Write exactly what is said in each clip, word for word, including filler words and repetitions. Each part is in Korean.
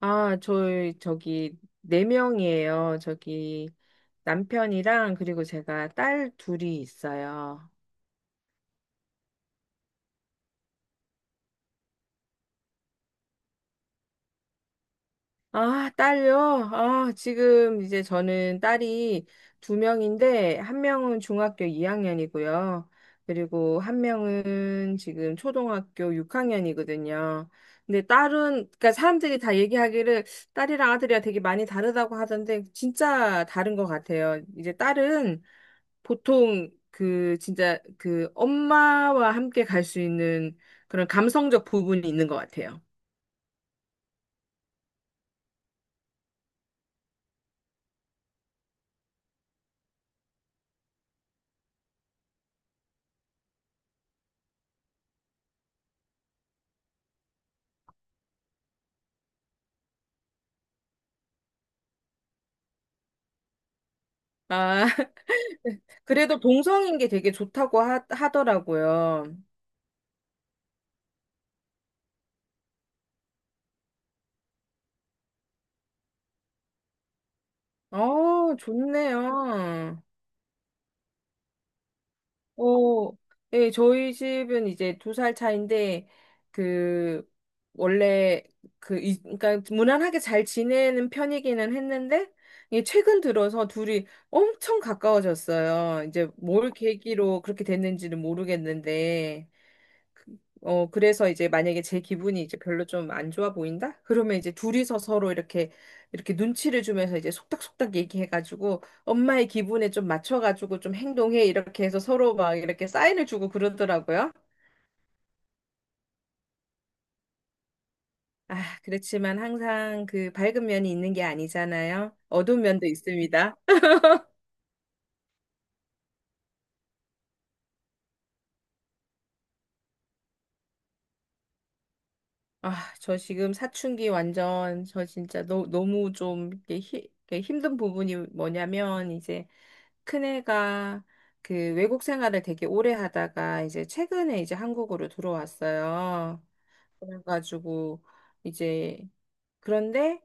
아, 저희 저기 네 명이에요. 저기 남편이랑 그리고 제가 딸 둘이 있어요. 아, 딸요? 아, 지금 이제 저는 딸이 두 명인데, 한 명은 중학교 이 학년이고요. 그리고 한 명은 지금 초등학교 육 학년이거든요. 근데 딸은, 그러니까 사람들이 다 얘기하기를 딸이랑 아들이랑 되게 많이 다르다고 하던데, 진짜 다른 것 같아요. 이제 딸은 보통 그 진짜 그 엄마와 함께 갈 수 있는 그런 감성적 부분이 있는 것 같아요. 아, 그래도 동성인 게 되게 좋다고 하, 하더라고요. 어, 좋네요. 어, 예, 저희 집은 이제 두 살 차인데, 그, 원래, 그, 이, 그러니까 무난하게 잘 지내는 편이기는 했는데, 이게 최근 들어서 둘이 엄청 가까워졌어요. 이제 뭘 계기로 그렇게 됐는지는 모르겠는데, 어, 그래서 이제 만약에 제 기분이 이제 별로 좀 안 좋아 보인다? 그러면 이제 둘이서 서로 이렇게, 이렇게 눈치를 주면서 이제 속닥속닥 얘기해가지고 엄마의 기분에 좀 맞춰가지고 좀 행동해. 이렇게 해서 서로 막 이렇게 사인을 주고 그러더라고요. 아, 그렇지만 항상 그 밝은 면이 있는 게 아니잖아요. 어두운 면도 있습니다. 아, 저 지금 사춘기 완전, 저 진짜 너, 너무 좀 이렇게 히, 이렇게 힘든 부분이 뭐냐면, 이제 큰애가 그 외국 생활을 되게 오래 하다가 이제 최근에 이제 한국으로 들어왔어요. 그래가지고 이제 그런데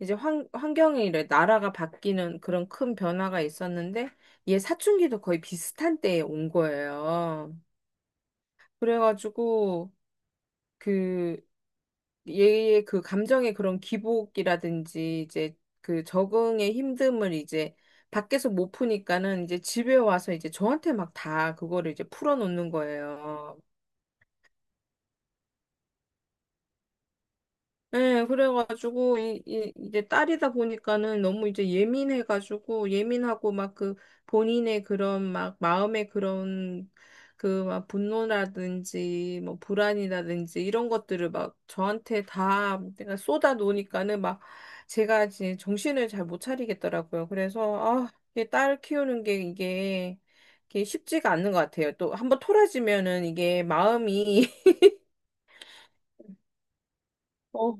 이제 환, 환경이 이래 나라가 바뀌는 그런 큰 변화가 있었는데 얘 사춘기도 거의 비슷한 때에 온 거예요. 그래가지고 그 얘의 그 감정의 그런 기복이라든지 이제 그 적응의 힘듦을 이제 밖에서 못 푸니까는 이제 집에 와서 이제 저한테 막 다 그거를 이제 풀어놓는 거예요. 네, 그래가지고, 이, 이, 이제 딸이다 보니까는 너무 이제 예민해가지고, 예민하고 막 그 본인의 그런 막 마음의 그런 그 막 분노라든지 뭐 불안이라든지 이런 것들을 막 저한테 다 내가 쏟아 놓으니까는 막 제가 이제 정신을 잘 못 차리겠더라고요. 그래서, 아, 이게 딸 키우는 게 이게, 이게 쉽지가 않는 것 같아요. 또 한번 토라지면은 이게 마음이, 어,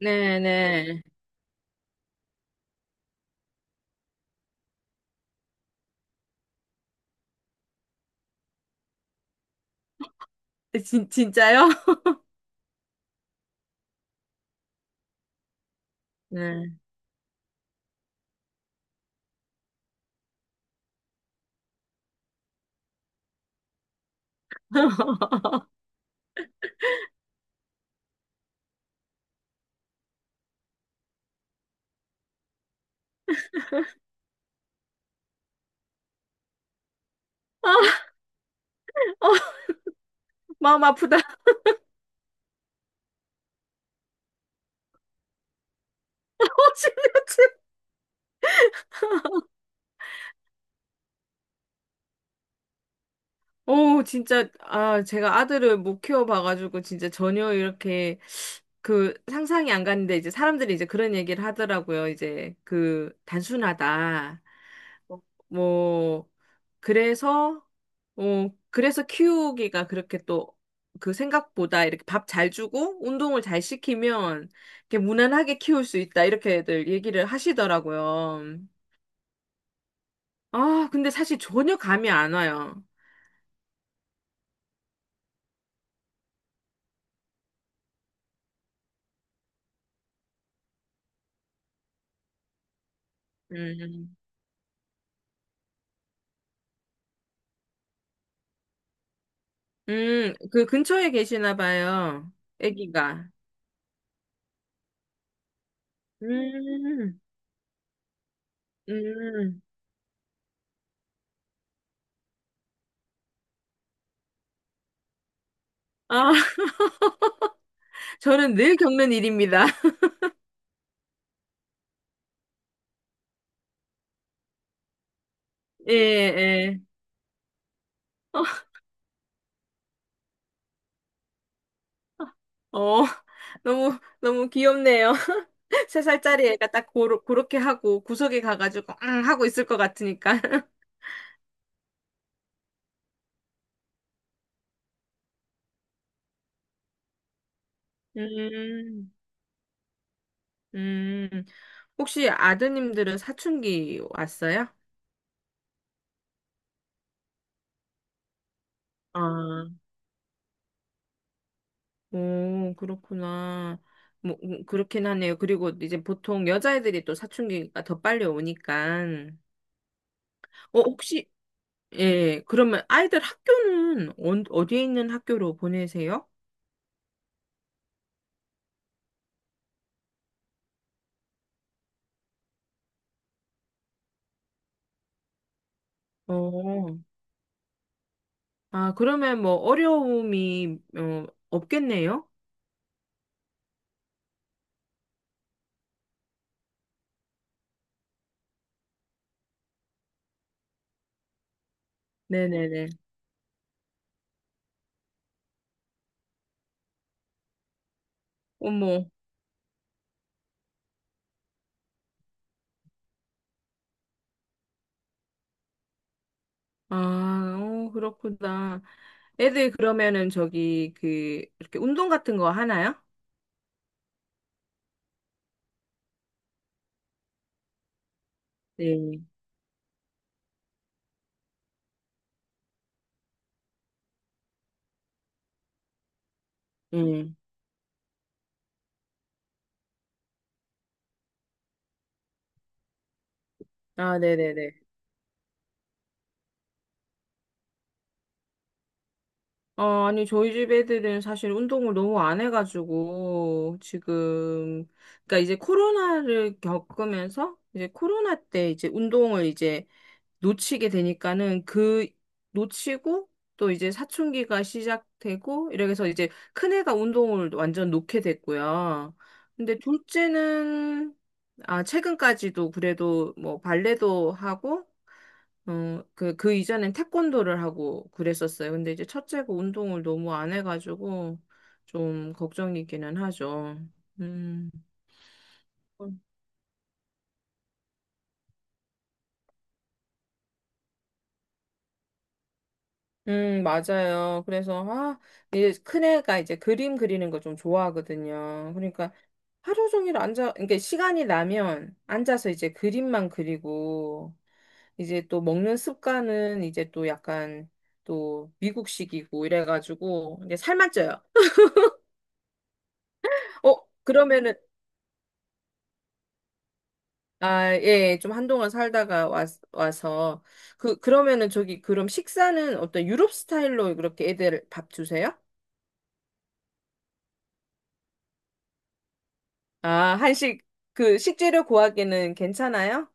네네. 진, 진짜요? 네. 마음 아프다. 어, 심 오, 진짜, 아, 제가 아들을 못 키워봐가지고, 진짜 전혀 이렇게, 그, 상상이 안 갔는데, 이제 사람들이 이제 그런 얘기를 하더라고요. 이제, 그, 단순하다. 뭐, 뭐, 그래서, 어, 그래서 키우기가 그렇게 또, 그 생각보다 이렇게 밥 잘 주고, 운동을 잘 시키면, 이렇게 무난하게 키울 수 있다. 이렇게들 얘기를 하시더라고요. 아, 근데 사실 전혀 감이 안 와요. 음, 음, 그 근처에 계시나 봐요. 아기가. 음, 음. 아, 저는 늘 겪는 일입니다. 예, 예. 어, 너무, 너무 귀엽네요. 세 살짜리 애가 딱 고로, 그렇게 하고 구석에 가가지고, 앙 하고 있을 것 같으니까. 음, 음. 혹시 아드님들은 사춘기 왔어요? 아, 오, 그렇구나. 뭐, 음, 그렇긴 하네요. 그리고 이제 보통 여자애들이 또 사춘기가 더 빨리 오니까. 어, 혹시, 예, 그러면 아이들 학교는 언- 어디에 있는 학교로 보내세요? 어, 아, 그러면 뭐 어려움이, 어, 없겠네요? 네네네. 어머, 아, 어, 그렇구나. 애들 그러면은 저기, 그, 이렇게 운동 같은 거 하나요? 네. 음. 아, 네네네. 어, 아니, 저희 집 애들은 사실 운동을 너무 안 해가지고, 지금, 그러니까 이제 코로나를 겪으면서, 이제 코로나 때 이제 운동을 이제 놓치게 되니까는 그 놓치고 또 이제 사춘기가 시작되고 이렇게 해서 이제 큰애가 운동을 완전 놓게 됐고요. 근데 둘째는 아 최근까지도 그래도 뭐 발레도 하고 어, 그, 그 이전엔 태권도를 하고 그랬었어요. 근데 이제 첫째가 운동을 너무 안 해가지고 좀 걱정이기는 하죠. 음. 음, 맞아요. 그래서, 아, 이제 큰애가 이제 그림 그리는 거 좀 좋아하거든요. 그러니까 하루 종일 앉아, 그러니까 시간이 나면 앉아서 이제 그림만 그리고, 이제 또 먹는 습관은 이제 또 약간 또 미국식이고 이래가지고, 이제 살만 쪄요. 어, 그러면은, 아, 예, 좀 한동안 살다가 와, 와서, 그, 그러면은 저기, 그럼 식사는 어떤 유럽 스타일로 그렇게 애들 밥 주세요? 아, 한식, 그, 식재료 구하기는 괜찮아요?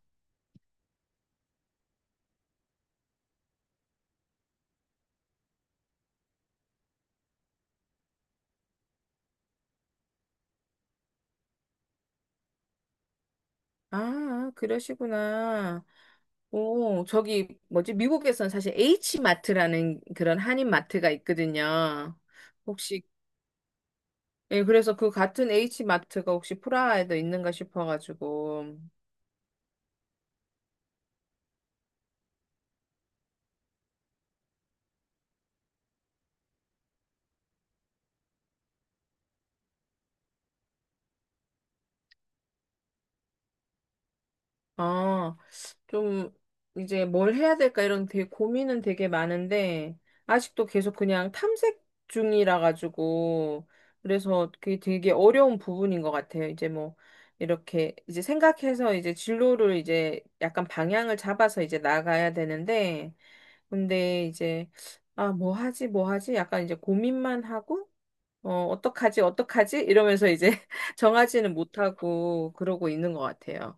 아, 그러시구나. 오, 저기, 뭐지, 미국에선 사실 H마트라는 그런 한인 마트가 있거든요. 혹시, 예, 그래서 그 같은 H마트가 혹시 프라하에도 있는가 싶어가지고. 아, 좀 이제 뭘 해야 될까 이런 되게 고민은 되게 많은데 아직도 계속 그냥 탐색 중이라 가지고 그래서 그게 되게 어려운 부분인 것 같아요. 이제 뭐 이렇게 이제 생각해서 이제 진로를 이제 약간 방향을 잡아서 이제 나가야 되는데 근데 이제 아 뭐 하지 뭐 하지 약간 이제 고민만 하고 어 어떡하지 어떡하지 이러면서 이제 정하지는 못하고 그러고 있는 것 같아요.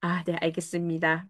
아, 네, 알겠습니다.